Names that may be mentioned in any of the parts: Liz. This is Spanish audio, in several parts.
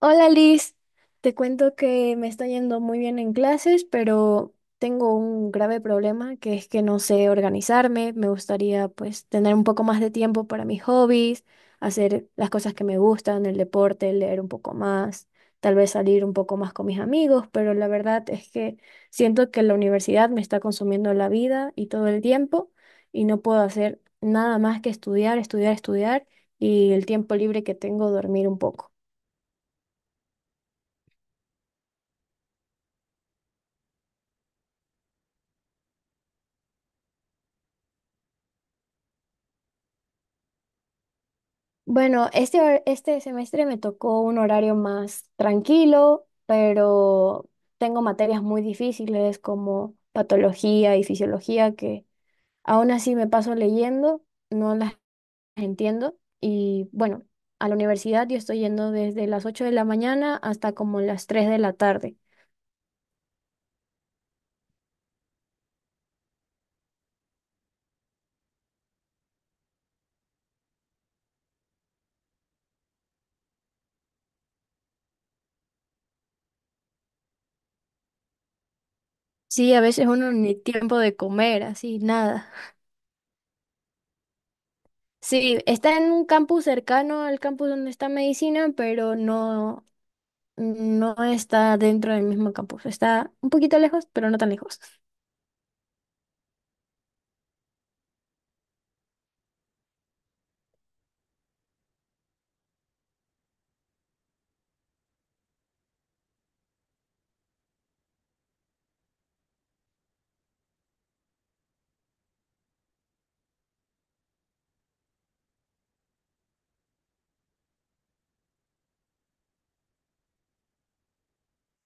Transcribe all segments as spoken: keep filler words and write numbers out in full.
Hola Liz, te cuento que me está yendo muy bien en clases, pero tengo un grave problema que es que no sé organizarme. Me gustaría pues tener un poco más de tiempo para mis hobbies, hacer las cosas que me gustan, el deporte, leer un poco más, tal vez salir un poco más con mis amigos, pero la verdad es que siento que la universidad me está consumiendo la vida y todo el tiempo y no puedo hacer nada más que estudiar, estudiar, estudiar y el tiempo libre que tengo dormir un poco. Bueno, este, hor- este semestre me tocó un horario más tranquilo, pero tengo materias muy difíciles como patología y fisiología que aún así me paso leyendo, no las entiendo. Y bueno, a la universidad yo estoy yendo desde las ocho de la mañana hasta como las tres de la tarde. Sí, a veces uno ni tiempo de comer, así, nada. Sí, está en un campus cercano al campus donde está medicina, pero no No está dentro del mismo campus, está un poquito lejos, pero no tan lejos.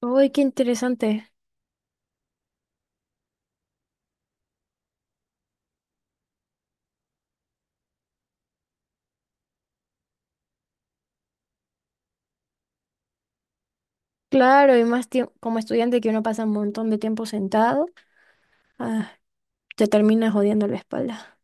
Uy, qué interesante. Claro, y más tiempo, como estudiante que uno pasa un montón de tiempo sentado, ah, te termina jodiendo la espalda.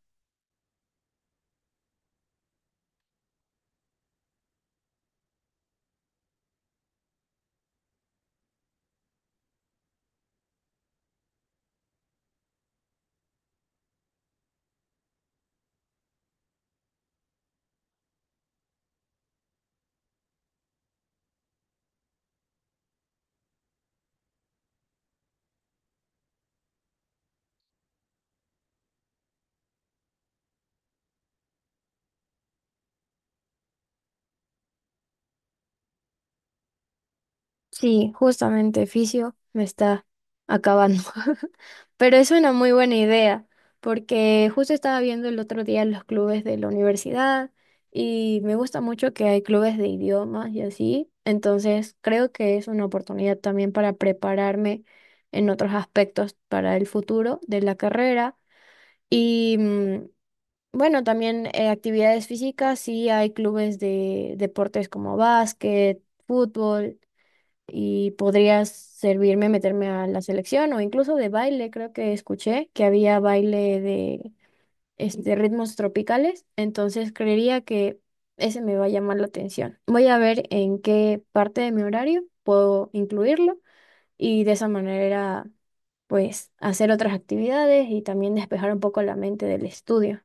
Sí, justamente fisio me está acabando. Pero es una muy buena idea, porque justo estaba viendo el otro día los clubes de la universidad y me gusta mucho que hay clubes de idiomas y así. Entonces, creo que es una oportunidad también para prepararme en otros aspectos para el futuro de la carrera. Y mm, bueno, también eh, actividades físicas, sí hay clubes de deportes como básquet, fútbol y podría servirme meterme a la selección o incluso de baile. Creo que escuché que había baile de este, ritmos tropicales, entonces creería que ese me va a llamar la atención. Voy a ver en qué parte de mi horario puedo incluirlo y de esa manera pues hacer otras actividades y también despejar un poco la mente del estudio.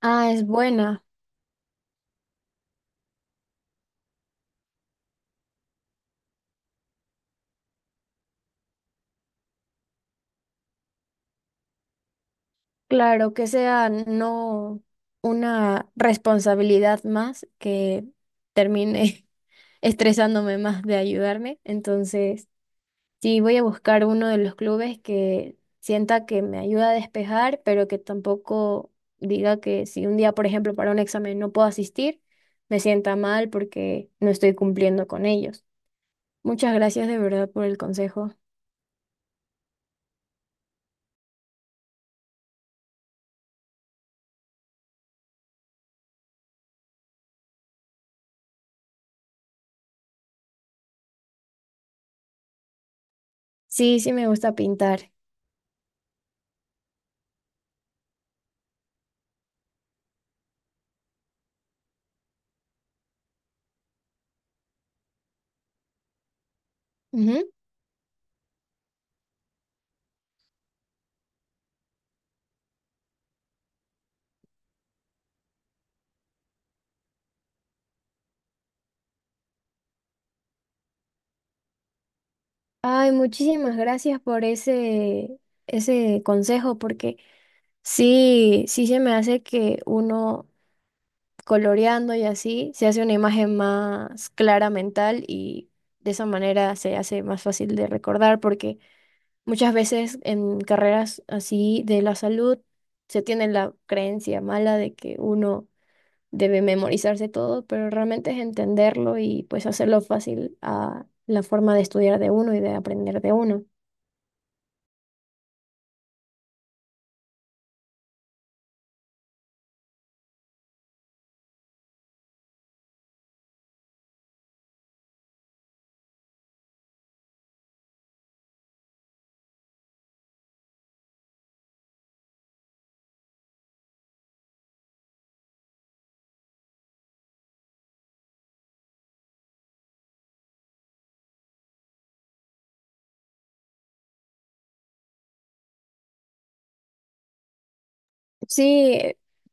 Ah, es buena. Claro, que sea no una responsabilidad más que termine estresándome más de ayudarme. Entonces, sí, voy a buscar uno de los clubes que sienta que me ayuda a despejar, pero que tampoco diga que si un día, por ejemplo, para un examen no puedo asistir, me sienta mal porque no estoy cumpliendo con ellos. Muchas gracias de verdad por el consejo. Sí, sí me gusta pintar. Ujú. Ay, muchísimas gracias por ese, ese consejo, porque sí, sí se me hace que uno coloreando y así se hace una imagen más clara mental y de esa manera se hace más fácil de recordar, porque muchas veces en carreras así de la salud se tiene la creencia mala de que uno debe memorizarse todo, pero realmente es entenderlo y pues hacerlo fácil a la forma de estudiar de uno y de aprender de uno. Sí,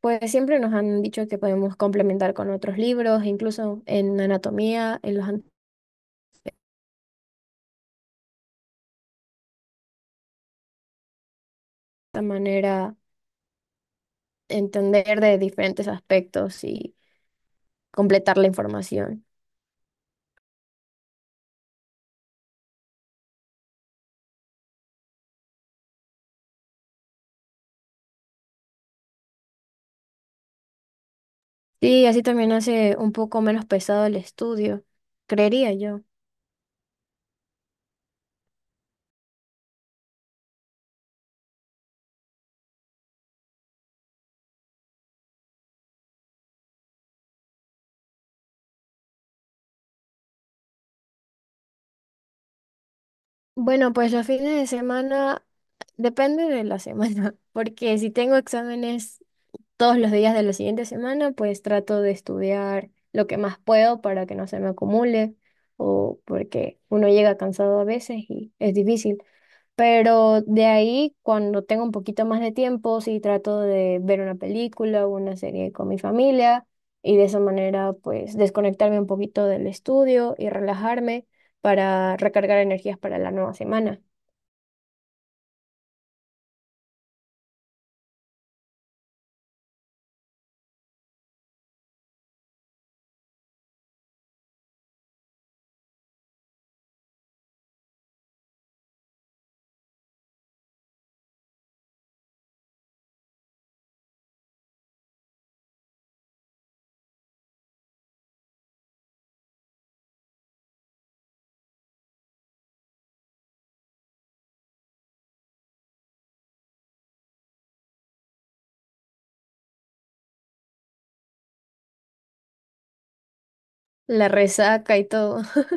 pues siempre nos han dicho que podemos complementar con otros libros, incluso en anatomía, en los han- de manera entender de diferentes aspectos y completar la información. Sí, así también hace un poco menos pesado el estudio, creería yo. Bueno, pues los fines de semana depende de la semana, porque si tengo exámenes todos los días de la siguiente semana, pues trato de estudiar lo que más puedo para que no se me acumule o porque uno llega cansado a veces y es difícil. Pero de ahí, cuando tengo un poquito más de tiempo, sí trato de ver una película o una serie con mi familia y de esa manera, pues desconectarme un poquito del estudio y relajarme para recargar energías para la nueva semana. La resaca y todo.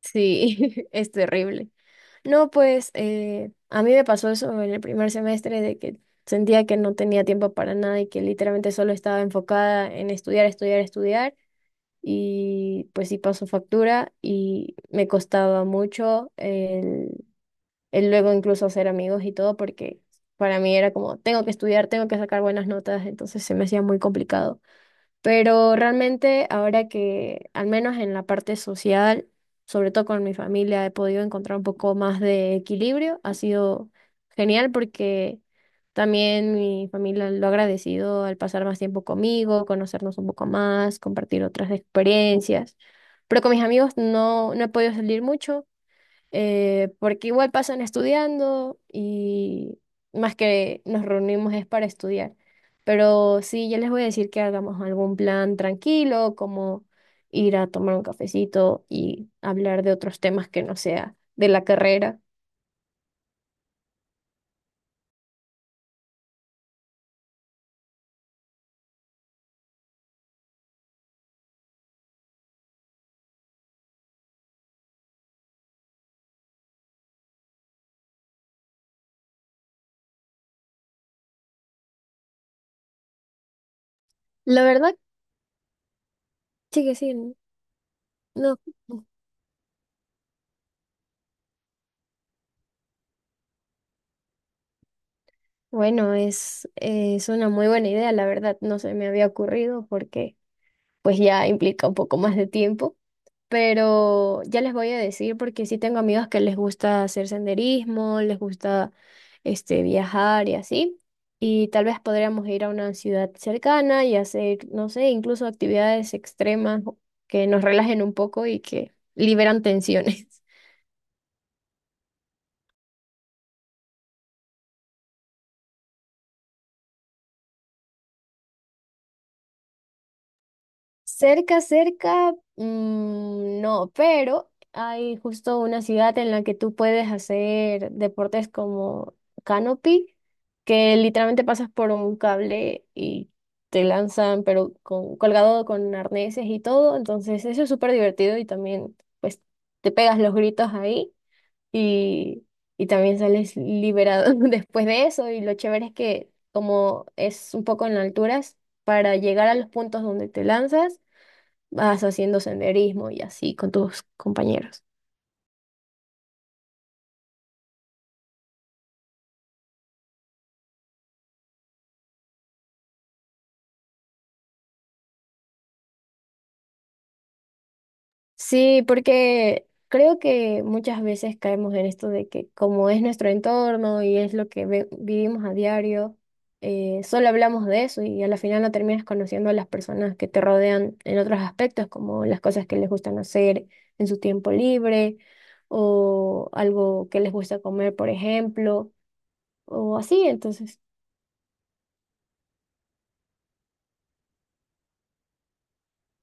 Sí, es terrible. No, pues eh, a mí me pasó eso en el primer semestre de que sentía que no tenía tiempo para nada y que literalmente solo estaba enfocada en estudiar, estudiar, estudiar y pues sí pasó factura y me costaba mucho el, el luego incluso hacer amigos y todo porque para mí era como tengo que estudiar, tengo que sacar buenas notas, entonces se me hacía muy complicado. Pero realmente ahora que, al menos en la parte social, sobre todo con mi familia, he podido encontrar un poco más de equilibrio. Ha sido genial porque también mi familia lo ha agradecido al pasar más tiempo conmigo, conocernos un poco más, compartir otras experiencias. Pero con mis amigos no, no he podido salir mucho eh, porque igual pasan estudiando y más que nos reunimos es para estudiar. Pero sí, ya les voy a decir que hagamos algún plan tranquilo, como ir a tomar un cafecito y hablar de otros temas que no sea de la carrera. La verdad, sí que sí, n- no. Bueno, es, es una muy buena idea, la verdad, no se me había ocurrido porque pues ya implica un poco más de tiempo. Pero ya les voy a decir porque sí tengo amigos que les gusta hacer senderismo, les gusta este viajar y así. Y tal vez podríamos ir a una ciudad cercana y hacer, no sé, incluso actividades extremas que nos relajen un poco y que liberan tensiones. Cerca, cerca, mm, no, pero hay justo una ciudad en la que tú puedes hacer deportes como canopy, que literalmente pasas por un cable y te lanzan, pero con, colgado con arneses y todo. Entonces, eso es súper divertido y también, pues, te pegas los gritos ahí y, y también sales liberado después de eso. Y lo chévere es que, como es un poco en alturas, para llegar a los puntos donde te lanzas, vas haciendo senderismo y así con tus compañeros. Sí, porque creo que muchas veces caemos en esto de que como es nuestro entorno y es lo que ve- vivimos a diario, eh, solo hablamos de eso y a la final no terminas conociendo a las personas que te rodean en otros aspectos, como las cosas que les gustan hacer en su tiempo libre o algo que les gusta comer, por ejemplo, o así, entonces.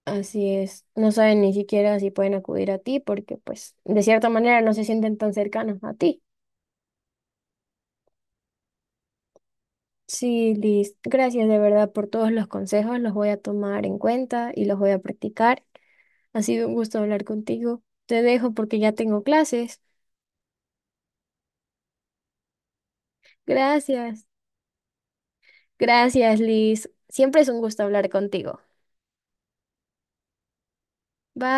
Así es, no saben ni siquiera si pueden acudir a ti porque pues de cierta manera no se sienten tan cercanos a ti. Sí, Liz, gracias de verdad por todos los consejos, los voy a tomar en cuenta y los voy a practicar. Ha sido un gusto hablar contigo. Te dejo porque ya tengo clases. Gracias, gracias, Liz. Siempre es un gusto hablar contigo. Bye.